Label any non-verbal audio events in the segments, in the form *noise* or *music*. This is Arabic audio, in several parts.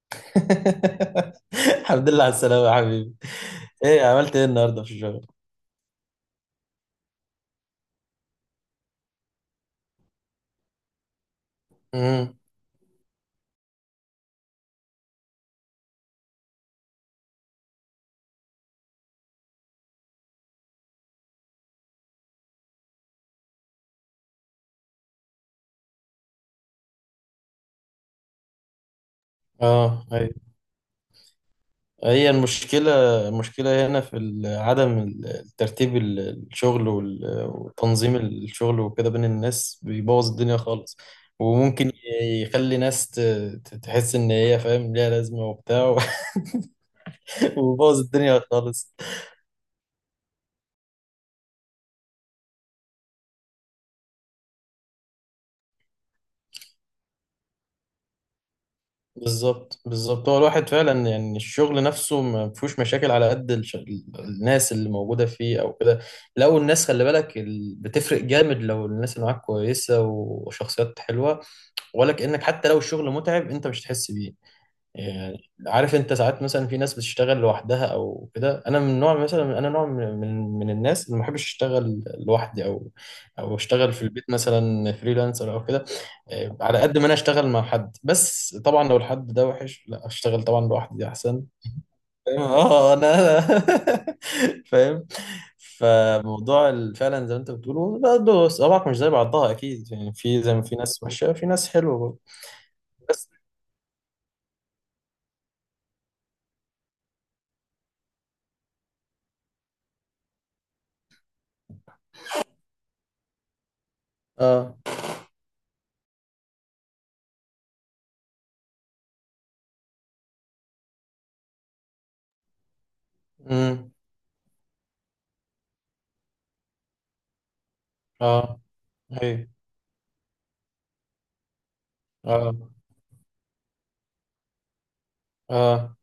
*laughs* الحمد لله على السلامة يا حبيبي. ايه عملت ايه النهارده في الشغل؟ امم اه ايوه. هي المشكلة، المشكلة هنا في الترتيب الشغل وتنظيم الشغل وكده بين الناس بيبوظ الدنيا خالص. وممكن يخلي ناس تحس ان هي فاهم ليها لازمة وبتاع. *laughs* وبوظ الدنيا خالص. بالظبط بالظبط، هو الواحد فعلا يعني الشغل نفسه ما فيهوش مشاكل على قد الناس اللي موجودة فيه او كده. لو الناس خلي بالك بتفرق جامد لو الناس اللي معاك كويسة وشخصيات حلوة، ولا كأنك حتى لو الشغل متعب انت مش هتحس بيه. يعني عارف انت ساعات مثلا في ناس بتشتغل لوحدها او كده، انا من نوع مثلا، انا نوع من الناس اللي ما بحبش اشتغل لوحدي او او اشتغل في البيت مثلا فريلانسر او كده. على قد ما انا اشتغل مع حد، بس طبعا لو الحد ده وحش لا اشتغل طبعا لوحدي احسن. فاهم؟ اه انا *laughs* فاهم. فموضوع فعلا زي ما انت بتقوله برضه صوابعك مش زي بعضها اكيد، يعني في زي ما في ناس وحشه في ناس حلوه برضه. بس. اه. امم. اه ايوه. اه اه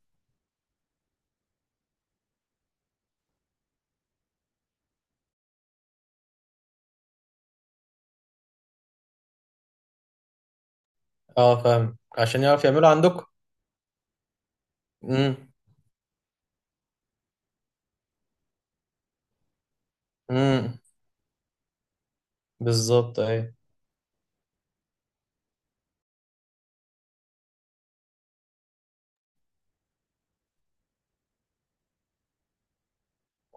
اه. فاهم، عشان يعرف يعملوا عندكم. امم. امم. بالظبط ايوه.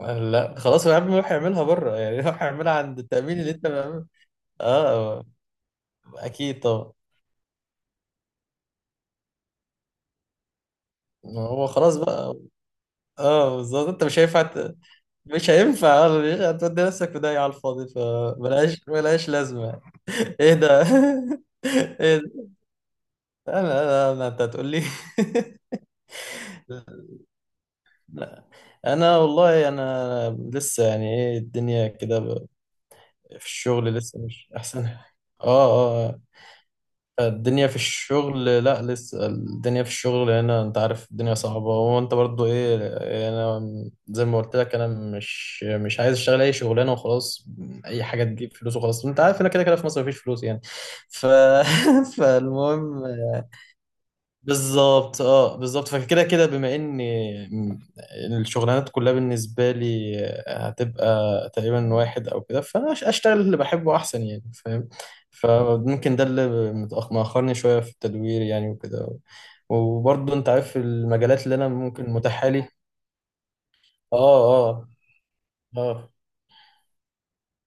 لا خلاص يا عم يروح يعملها بره. *laughs* يعني يروح يعملها عند التأمين اللي انت بتعمله. اه اكيد طبعا. ما هو خلاص بقى. اه بالظبط، انت مش هينفع مش هينفع. *laughs* مش هتودي نفسك في داهية على الفاضي، ملهاش لازمة. ايه ده؟ *laughs* ايه ده؟ انا انت هتقول لي. *laughs* لا انا والله، انا لسه يعني ايه الدنيا كده في الشغل لسه مش احسن حاجة. اه. اه. آه. الدنيا في الشغل، لا لسه الدنيا في الشغل هنا، انت عارف الدنيا صعبة، وانت برضو ايه، يعني انا زي ما قلت لك، انا مش عايز اشتغل اي شغلانة وخلاص. اي حاجة تجيب فلوس وخلاص، انت عارف هنا كده كده في مصر مفيش فلوس يعني. ف... *laughs* فالمهم. بالظبط اه بالظبط. فكده كده بما ان الشغلانات كلها بالنسبه لي هتبقى تقريبا واحد او كده، فانا اشتغل اللي بحبه احسن يعني، فاهم. فممكن ده اللي مأخرني شويه في التدوير يعني وكده، وبرضه انت عارف المجالات اللي انا ممكن متاحه لي. اه. اه. اه.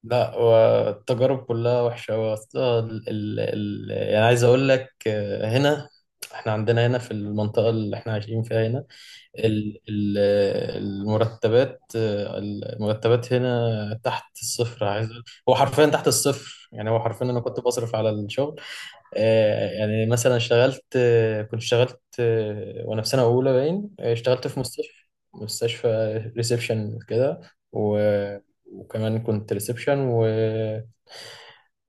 لا والتجارب كلها وحشه أوي. أصل ال يعني عايز اقول لك، هنا احنا عندنا هنا في المنطقه اللي احنا عايشين فيها هنا ال- ال- المرتبات، المرتبات هنا تحت الصفر. عايز أقول، هو حرفيا تحت الصفر، يعني هو حرفيا انا كنت بصرف على الشغل. يعني مثلا اشتغلت، كنت اشتغلت، وانا في سنه اولى باين، اشتغلت في مستشفى، مستشفى ريسبشن كده، و وكمان كنت ريسبشن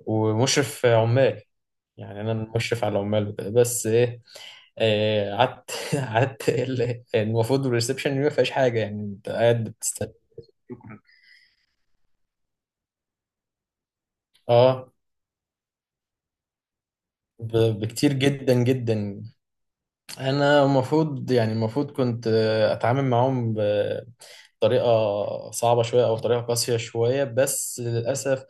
ومشرف عمال. يعني انا المشرف على العمال وكده، بس ايه، قعدت *laughs* قعدت المفروض الريسبشن ما فيهاش حاجه يعني، انت قاعد بتستنى. شكرا. اه بكتير جدا جدا. انا المفروض يعني، المفروض كنت اتعامل معاهم طريقة صعبة شوية أو طريقة قاسية شوية، بس للأسف.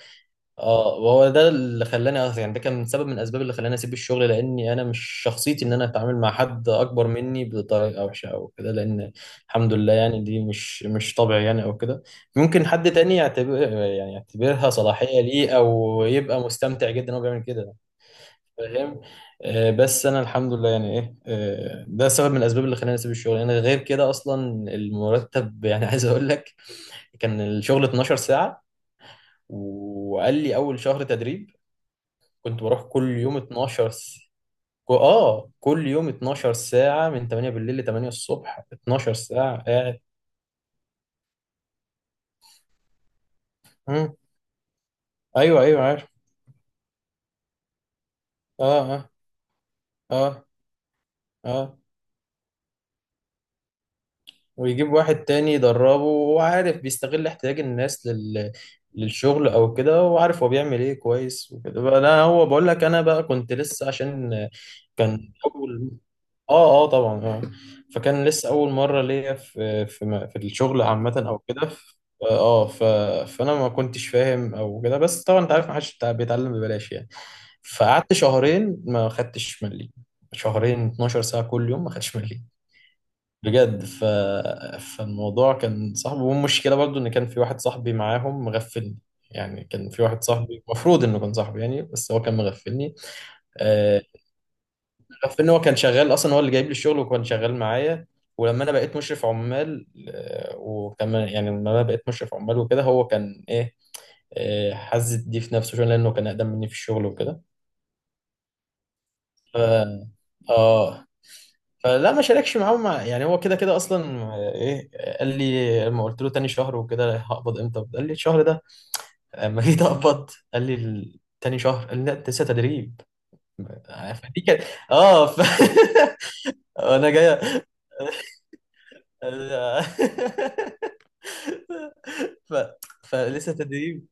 اه وهو ده اللي خلاني أصلاً، يعني ده كان سبب من الأسباب اللي خلاني أسيب الشغل، لأني أنا مش شخصيتي إن أنا أتعامل مع حد أكبر مني بطريقة وحشة أو كده، لأن الحمد لله يعني دي مش طبعي يعني أو كده. ممكن حد تاني يعتبر، يعني يعتبرها صلاحية ليه أو يبقى مستمتع جدا وهو بيعمل كده. فاهم. بس أنا الحمد لله يعني إيه، ده سبب من الأسباب اللي خلاني أسيب الشغل. أنا غير كده أصلا، المرتب يعني. *laughs* عايز أقول لك، كان الشغل 12 ساعة. وقال لي أول شهر تدريب، كنت بروح كل يوم كو- آه كل يوم 12 ساعة من 8 بالليل ل 8 الصبح، 12 ساعة قاعد. مم. أيوه أيوه عارف. آه. آه. آه. آه. ويجيب واحد تاني يدربه، وهو عارف بيستغل احتياج الناس للشغل أو كده، وعارف هو بيعمل إيه كويس وكده بقى. لا هو بقول لك أنا بقى كنت لسه عشان كان أول. اه اه طبعا اه. فكان لسه اول مره ليا في الشغل عامه او كده. اه ف، فانا ما كنتش فاهم او كده، بس طبعا انت عارف ما حدش بيتعلم ببلاش يعني. فقعدت شهرين ما خدتش مليم، شهرين 12 ساعه كل يوم ما خدتش مليم بجد. فالموضوع كان صعب، والمشكله برضو ان كان في واحد صاحبي معاهم مغفلني. يعني كان في واحد صاحبي المفروض انه كان صاحبي يعني، بس هو كان مغفلني. آه، في ان هو كان شغال اصلا، هو اللي جايب لي الشغل وكان شغال معايا. ولما انا بقيت مشرف عمال، آه، وكان يعني لما انا بقيت مشرف عمال وكده هو كان ايه، حز دي في نفسه شويه لانه كان اقدم مني في الشغل وكده. ف اه، فلا ما شاركش معاه، مع يعني هو كده كده اصلا. آه، ايه آه، قال لي لما قلت له تاني شهر وكده هقبض امتى، قال لي الشهر ده. اما جيت اقبض قال لي تاني شهر، قال لي لا انت لسه تدريب. فدي كانت اه *laughs* انا جاي ال- *laughs* ف... فلسه تدريب.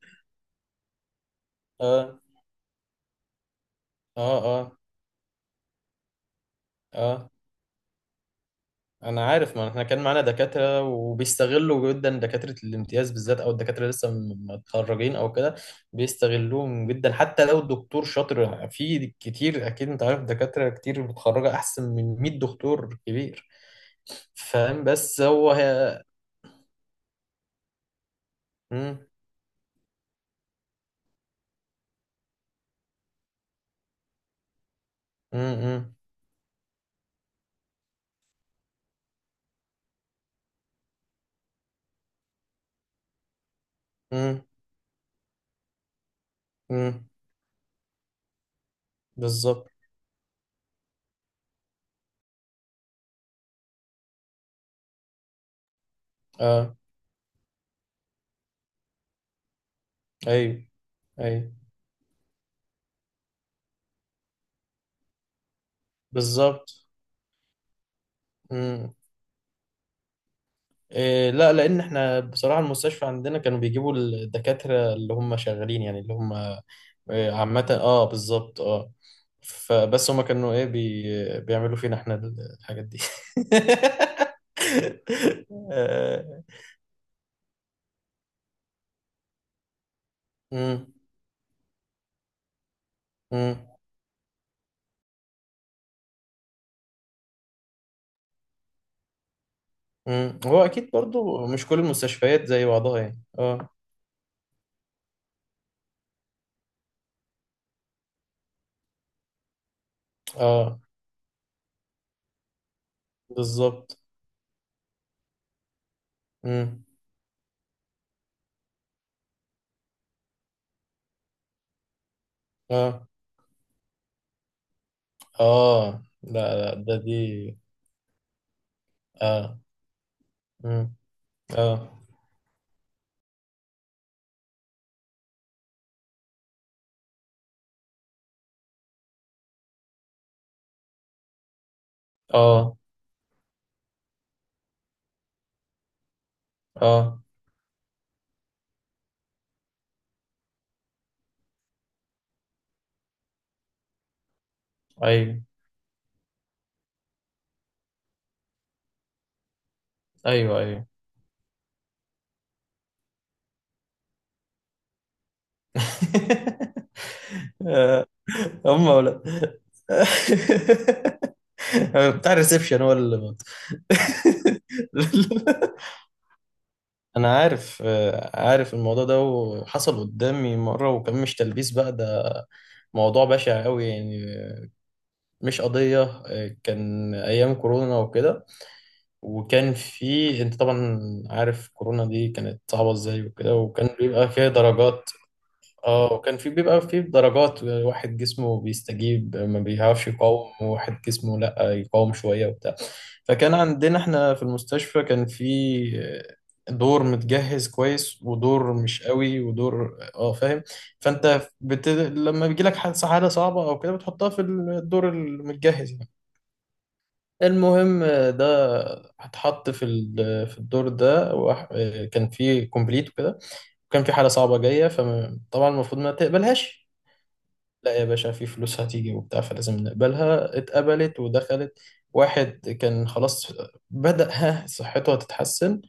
اه. اه. اه. اه. انا عارف، ما احنا كان معانا دكاتره، وبيستغلوا جدا دكاتره الامتياز بالذات، او الدكاتره لسه متخرجين او كده. بيستغلوهم جدا، حتى لو الدكتور شاطر في كتير، اكيد انت عارف دكاتره كتير متخرجه احسن من 100 دكتور كبير. فاهم؟ بس هو هي. مم. مم. مم. مم. بالظبط. اه ايوه ايوه بالظبط. إيه لا، لان احنا بصراحه المستشفى عندنا كانوا بيجيبوا الدكاتره اللي هم شغالين يعني اللي هم إيه عامه، اه بالظبط اه. فبس هم كانوا ايه بيعملوا فينا احنا الحاجات دي. *laughs* آه، مم. مم. مم. هو اكيد برضو مش كل المستشفيات زي بعضها يعني اه. اه بالظبط. مم. اه اه لا لا ده دي. اه. مم. اه اه اه ايوه ايوه ايوه. *laughs* آه، هم ولا *laughs* بتاع الريسبشن هو اللي *laughs* انا عارف. عارف الموضوع ده وحصل قدامي مره، وكان مش تلبيس بقى ده، موضوع بشع قوي يعني. مش قضيه، كان ايام كورونا وكده، وكان في، انت طبعا عارف كورونا دي كانت صعبه ازاي وكده، وكان بيبقى فيها درجات. اه كان في، بيبقى في درجات، واحد جسمه بيستجيب ما بيعرفش يقاوم، وواحد جسمه لا يقاوم شوية وبتاع. فكان عندنا احنا في المستشفى كان في دور متجهز كويس ودور مش قوي ودور، اه فاهم. لما بيجي لك حادثة حالة صعبة او كده بتحطها في الدور المتجهز يعني. المهم ده، هتحط في الدور ده، كان في كومبليت وكده، وكان في حالة صعبة جاية. فطبعا المفروض ما تقبلهاش. لا يا باشا في فلوس هتيجي وبتاع فلازم نقبلها. اتقبلت ودخلت. واحد كان خلاص بدأ ها صحته هتتحسن،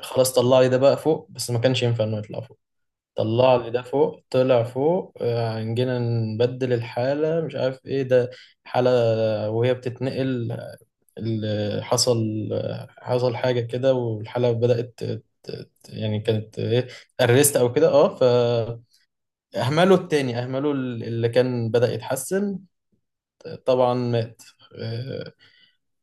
خلاص طلع لي ده بقى فوق، بس ما كانش ينفع انه يطلع فوق. طلع لي ده فوق، طلع فوق، جينا نبدل الحالة مش عارف ايه ده، حالة وهي بتتنقل، اللي حصل حصل حاجة كده، والحالة بدأت يعني كانت ايه، ارست او كده اه. ف، اهملوا التاني، اهملوا اللي كان بدأ يتحسن. طبعا مات. آه،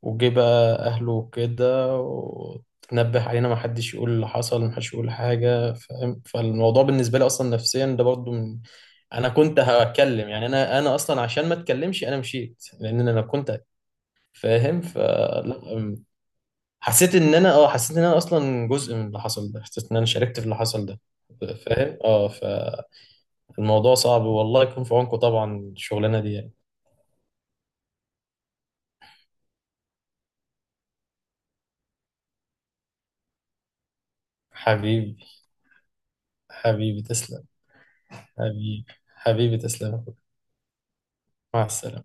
وجه بقى أهله وكده وتنبه علينا ما حدش يقول اللي حصل، ما حدش يقول حاجة. فاهم، فالموضوع بالنسبة لي أصلا نفسيا ده برضو من، أنا كنت هتكلم يعني، أنا أصلا عشان ما أتكلمش أنا مشيت، لأن أنا كنت فاهم. فلا، حسيت إن أنا أه، حسيت إن أنا أصلا جزء من اللي حصل ده، حسيت إن أنا شاركت في اللي حصل ده. فاهم اه. فالموضوع صعب، والله يكون في عونكم طبعا الشغلانة دي يعني. حبيبي، حبيبي تسلم. حبيبي، حبيبي تسلم يا أخوي. مع السلامة.